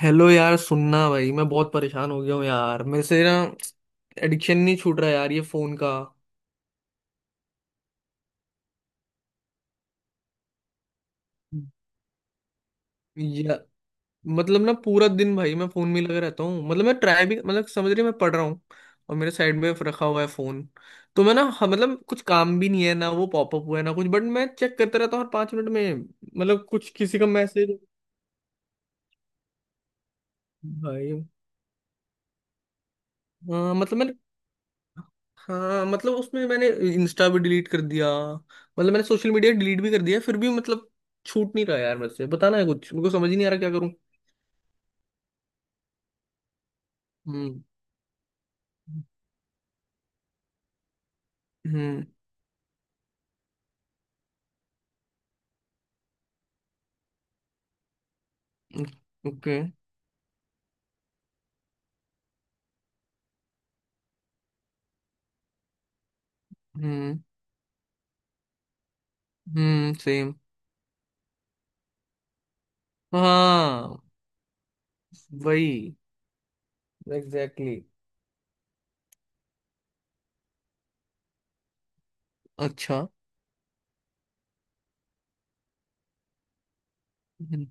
Hello यार, सुनना भाई, मैं बहुत परेशान हो गया हूँ यार। मेरे से ना एडिक्शन नहीं छूट रहा यार ये फोन का। या मतलब ना पूरा दिन भाई मैं फोन में ही लगा रहता हूँ। मतलब मैं ट्राई भी, मतलब समझ रही है, मैं पढ़ रहा हूँ और मेरे साइड में रखा हुआ है फोन। तो मैं ना, हाँ, मतलब कुछ काम भी नहीं है ना, वो पॉपअप हुआ है ना कुछ, बट मैं चेक करता रहता हूँ हर पांच मिनट में। मतलब कुछ किसी का मैसेज। भाई। हाँ मतलब मैं, हाँ मतलब उसमें मैंने इंस्टा भी डिलीट कर दिया। मतलब मैंने सोशल मीडिया डिलीट भी कर दिया, फिर भी मतलब छूट नहीं रहा यार मेरे से। बताना है कुछ, मेरे को समझ ही नहीं आ रहा क्या करूं। हम्म। हम्म। ओके। हम्म। हम्म, सेम। हाँ, वही। Exactly exactly। अच्छा। हम्म,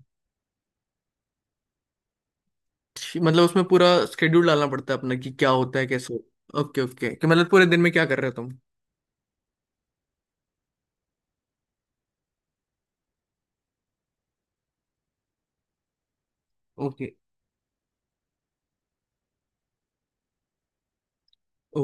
मतलब उसमें पूरा स्केड्यूल डालना पड़ता है अपना कि क्या होता है कैसे। ओके ओके, कि मतलब पूरे दिन में क्या कर रहे हो तुम। ओके। ओ।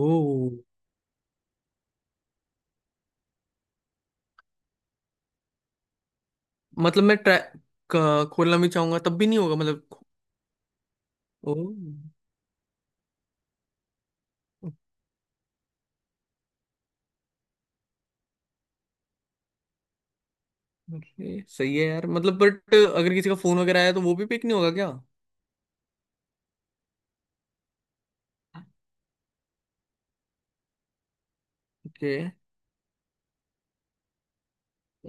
मतलब मैं ट्रैक खोलना भी चाहूंगा तब भी नहीं होगा मतलब। ओ। ओके सही है यार। मतलब बट अगर किसी का फोन वगैरह आया तो वो भी पिक नहीं होगा क्या। ओके।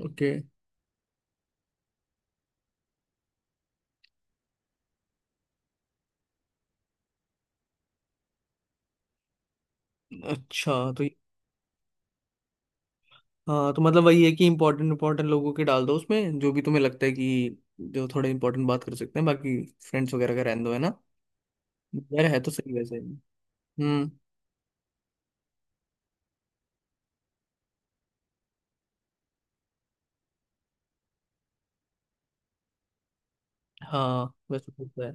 ओके। अच्छा। तो हाँ, तो मतलब वही है कि इम्पोर्टेंट इम्पोर्टेंट लोगों के डाल दो उसमें, जो भी तुम्हें लगता है कि जो थोड़े इम्पोर्टेंट बात कर सकते हैं। बाकी फ्रेंड्स वगैरह का रहने दो, है ना। यार है तो सही वैसे ही। हम्म। हाँ वैसे तो होता है।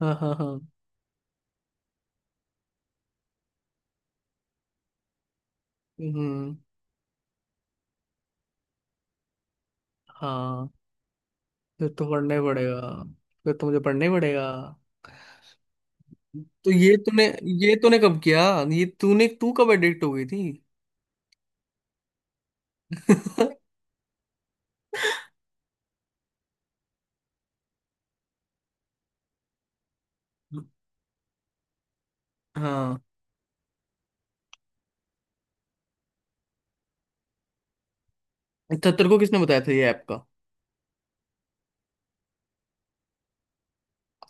हाँ हाँ हाँ। हम्म। हाँ। फिर तो पढ़ना ही पड़ेगा। फिर तो मुझे पढ़ना ही पड़ेगा। तो ये तूने, ये तूने कब किया, ये तूने तू कब एडिक्ट हो गई थी। हाँ। अच्छा तेरे को किसने बताया था ये ऐप का।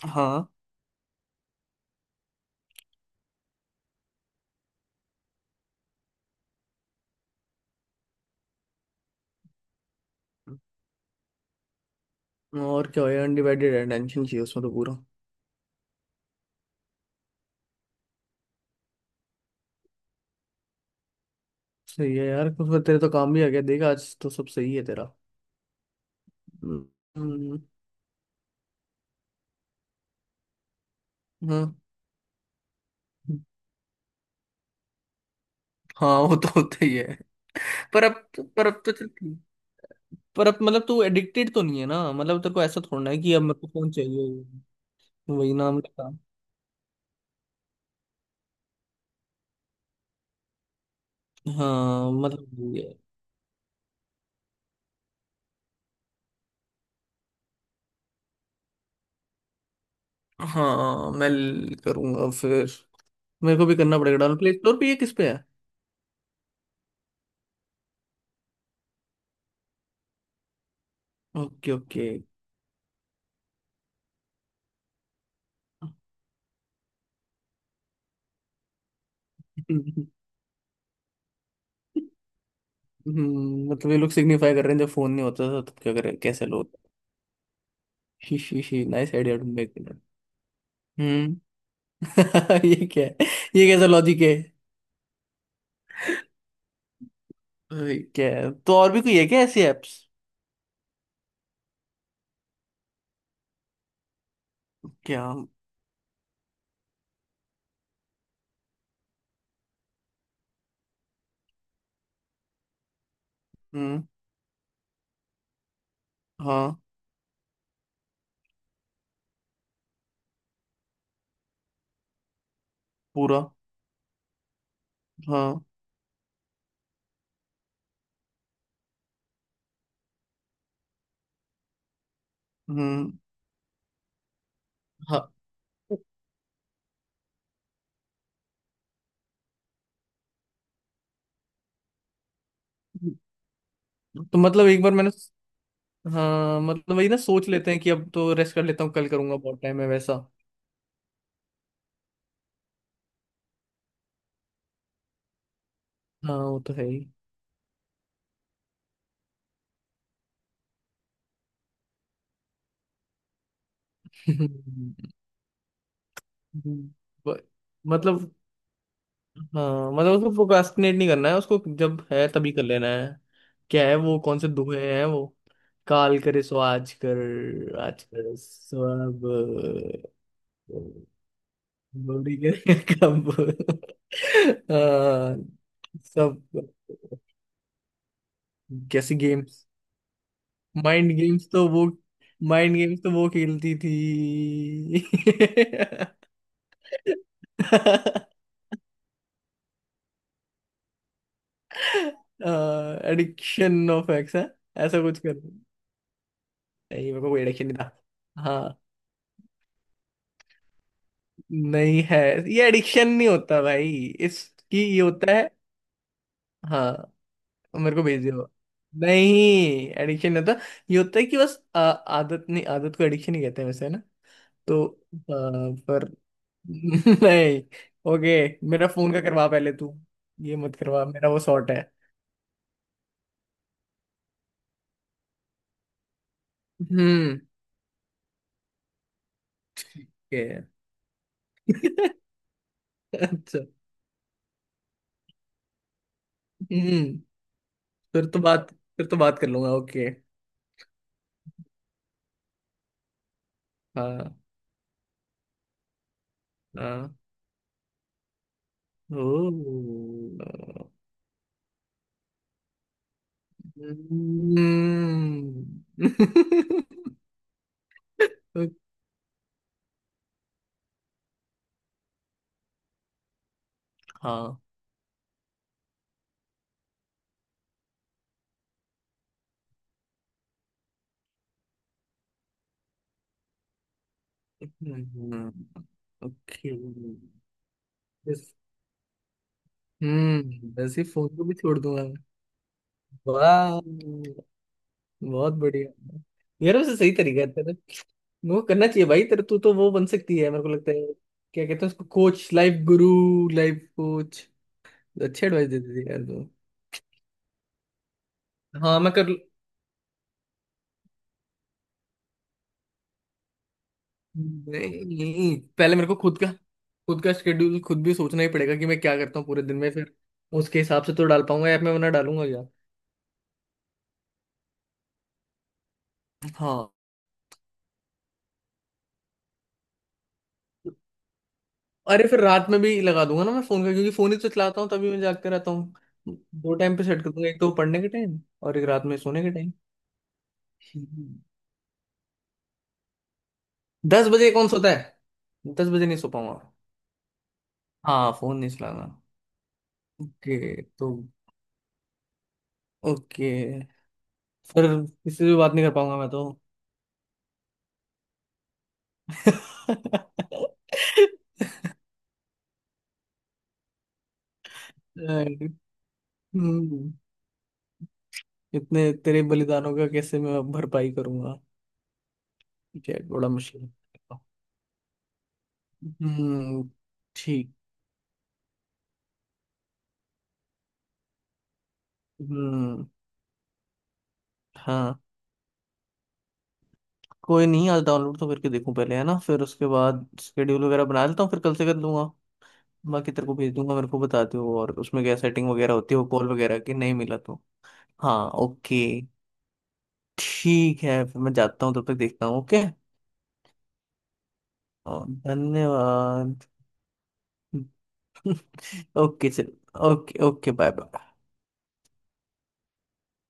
हाँ। और क्या हो यार, अनडिवाइडेड अटेंशन चाहिए उसमें तो पूरा। सही है यार, कुछ फिर तेरे तो काम भी आ गया देख, आज तो सब सही है तेरा। हम्म। हाँ। हाँ वो तो होता ही है। पर अब तो चल ठीक। पर अब मतलब तू एडिक्टेड तो नहीं है ना, मतलब तेरे को ऐसा थोड़ा है कि अब मेरे को फोन चाहिए ही। वही नाम लगा। हाँ मतलब वही है। हाँ मैं ल- करूंगा फिर। मेरे को भी करना पड़ेगा डाउन, प्ले स्टोर पे ये किस पे है। Okay okay. हम्म, मतलब ये लोग सिग्निफाई कर रहे हैं जब फोन नहीं होता था तब क्या करें कैसे लोग। She she she, nice idea to make. हम्म। ये क्या है, ये कैसा लॉजिक है। क्या है, तो और भी कोई है क्या ऐसी एप्स। क्या। हम्म। हाँ पूरा। हाँ। हम्म। हाँ तो मतलब एक बार मैंने हाँ मतलब वही ना, सोच लेते हैं कि अब तो रेस्ट कर लेता हूँ, कल करूंगा, बहुत टाइम है वैसा। हाँ वो तो है ही। हम्म। हम्म। ब- मतलब, हाँ मतलब उसको प्रोक्रास्टिनेट नहीं करना है, उसको जब है तभी कर लेना है। क्या है वो, कौन से दोहे हैं वो। काल करे सो आज कर, आज कर सो अब, बॉडी करे कब। हाँ। सब। कैसी गेम्स। माइंड गेम्स तो वो, माइंड गेम्स तो वो खेलती थी। एडिक्शन ऑफ एक्स है। ऐसा कुछ कर। नहीं मेरे को कोई एडिक्शन नहीं था। हाँ। नहीं है। ये एडिक्शन नहीं होता भाई। इसकी ये होता है। हाँ, मेरे को भेज दो। नहीं, एडिक्शन नहीं होता। ये होता है कि बस आदत। नहीं, आदत को एडिक्शन ही कहते हैं वैसे, है ना। तो पर नहीं। ओके मेरा फोन का करवा पहले तू, ये मत करवा, मेरा वो शॉर्ट है। हम्म। ओके। अच्छा। हम्म। फिर तो बात, फिर तो बात कर लूंगा ओके। हाँ। हाँ। ओ। हम्म। हाँ। हम्म। ओके। बस। हम्म, वैसे फोन को भी छोड़ दूंगा। वाह, बहुत बढ़िया। यार वैसे सही तरीका है तेरा। वो करना चाहिए भाई, तेरे तू तो वो बन सकती है मेरे को लगता है। क्या कहते हैं उसको, coach, life guru. Life coach. अच्छे एडवाइस देती थी यार तू। हाँ मैं कर, नहीं पहले मेरे को खुद का, खुद का शेड्यूल खुद भी सोचना ही पड़ेगा कि मैं क्या करता हूँ पूरे दिन में फिर उसके हिसाब से तो डाल पाऊंगा ऐप में, वरना डालूंगा क्या। हाँ। अरे फिर रात में भी लगा दूंगा ना मैं फोन का, क्योंकि फोन ही तो चलाता हूँ तभी मैं जागते रहता हूँ। दो टाइम पे सेट कर दूंगा, एक तो पढ़ने के टाइम और एक रात में सोने के टाइम। दस बजे कौन सोता है, दस बजे नहीं सो पाऊंगा। हाँ फोन नहीं चलाना। ओके तो, ओके। फिर किसी से भी बात नहीं कर पाऊंगा मैं। तो हम्म, इतने तेरे बलिदानों का कैसे मैं भरपाई करूंगा। ये बड़ा मुश्किल है। हम्म। ठीक। हम्म। हाँ। कोई नहीं, आज डाउनलोड तो करके देखूं पहले, है ना, फिर उसके बाद शेड्यूल वगैरह बना लेता हूँ, फिर कल से कर लूंगा। बाकी तेरे को भेज दूंगा, मेरे को बता दियो और उसमें क्या सेटिंग वगैरह होती है, वो कॉल वगैरह की नहीं मिला तो। हाँ ओके। ठीक है, फिर मैं जाता हूँ, तब तक देखता हूँ ओके। और धन्यवाद। ओके चल। Okay okay bye bye.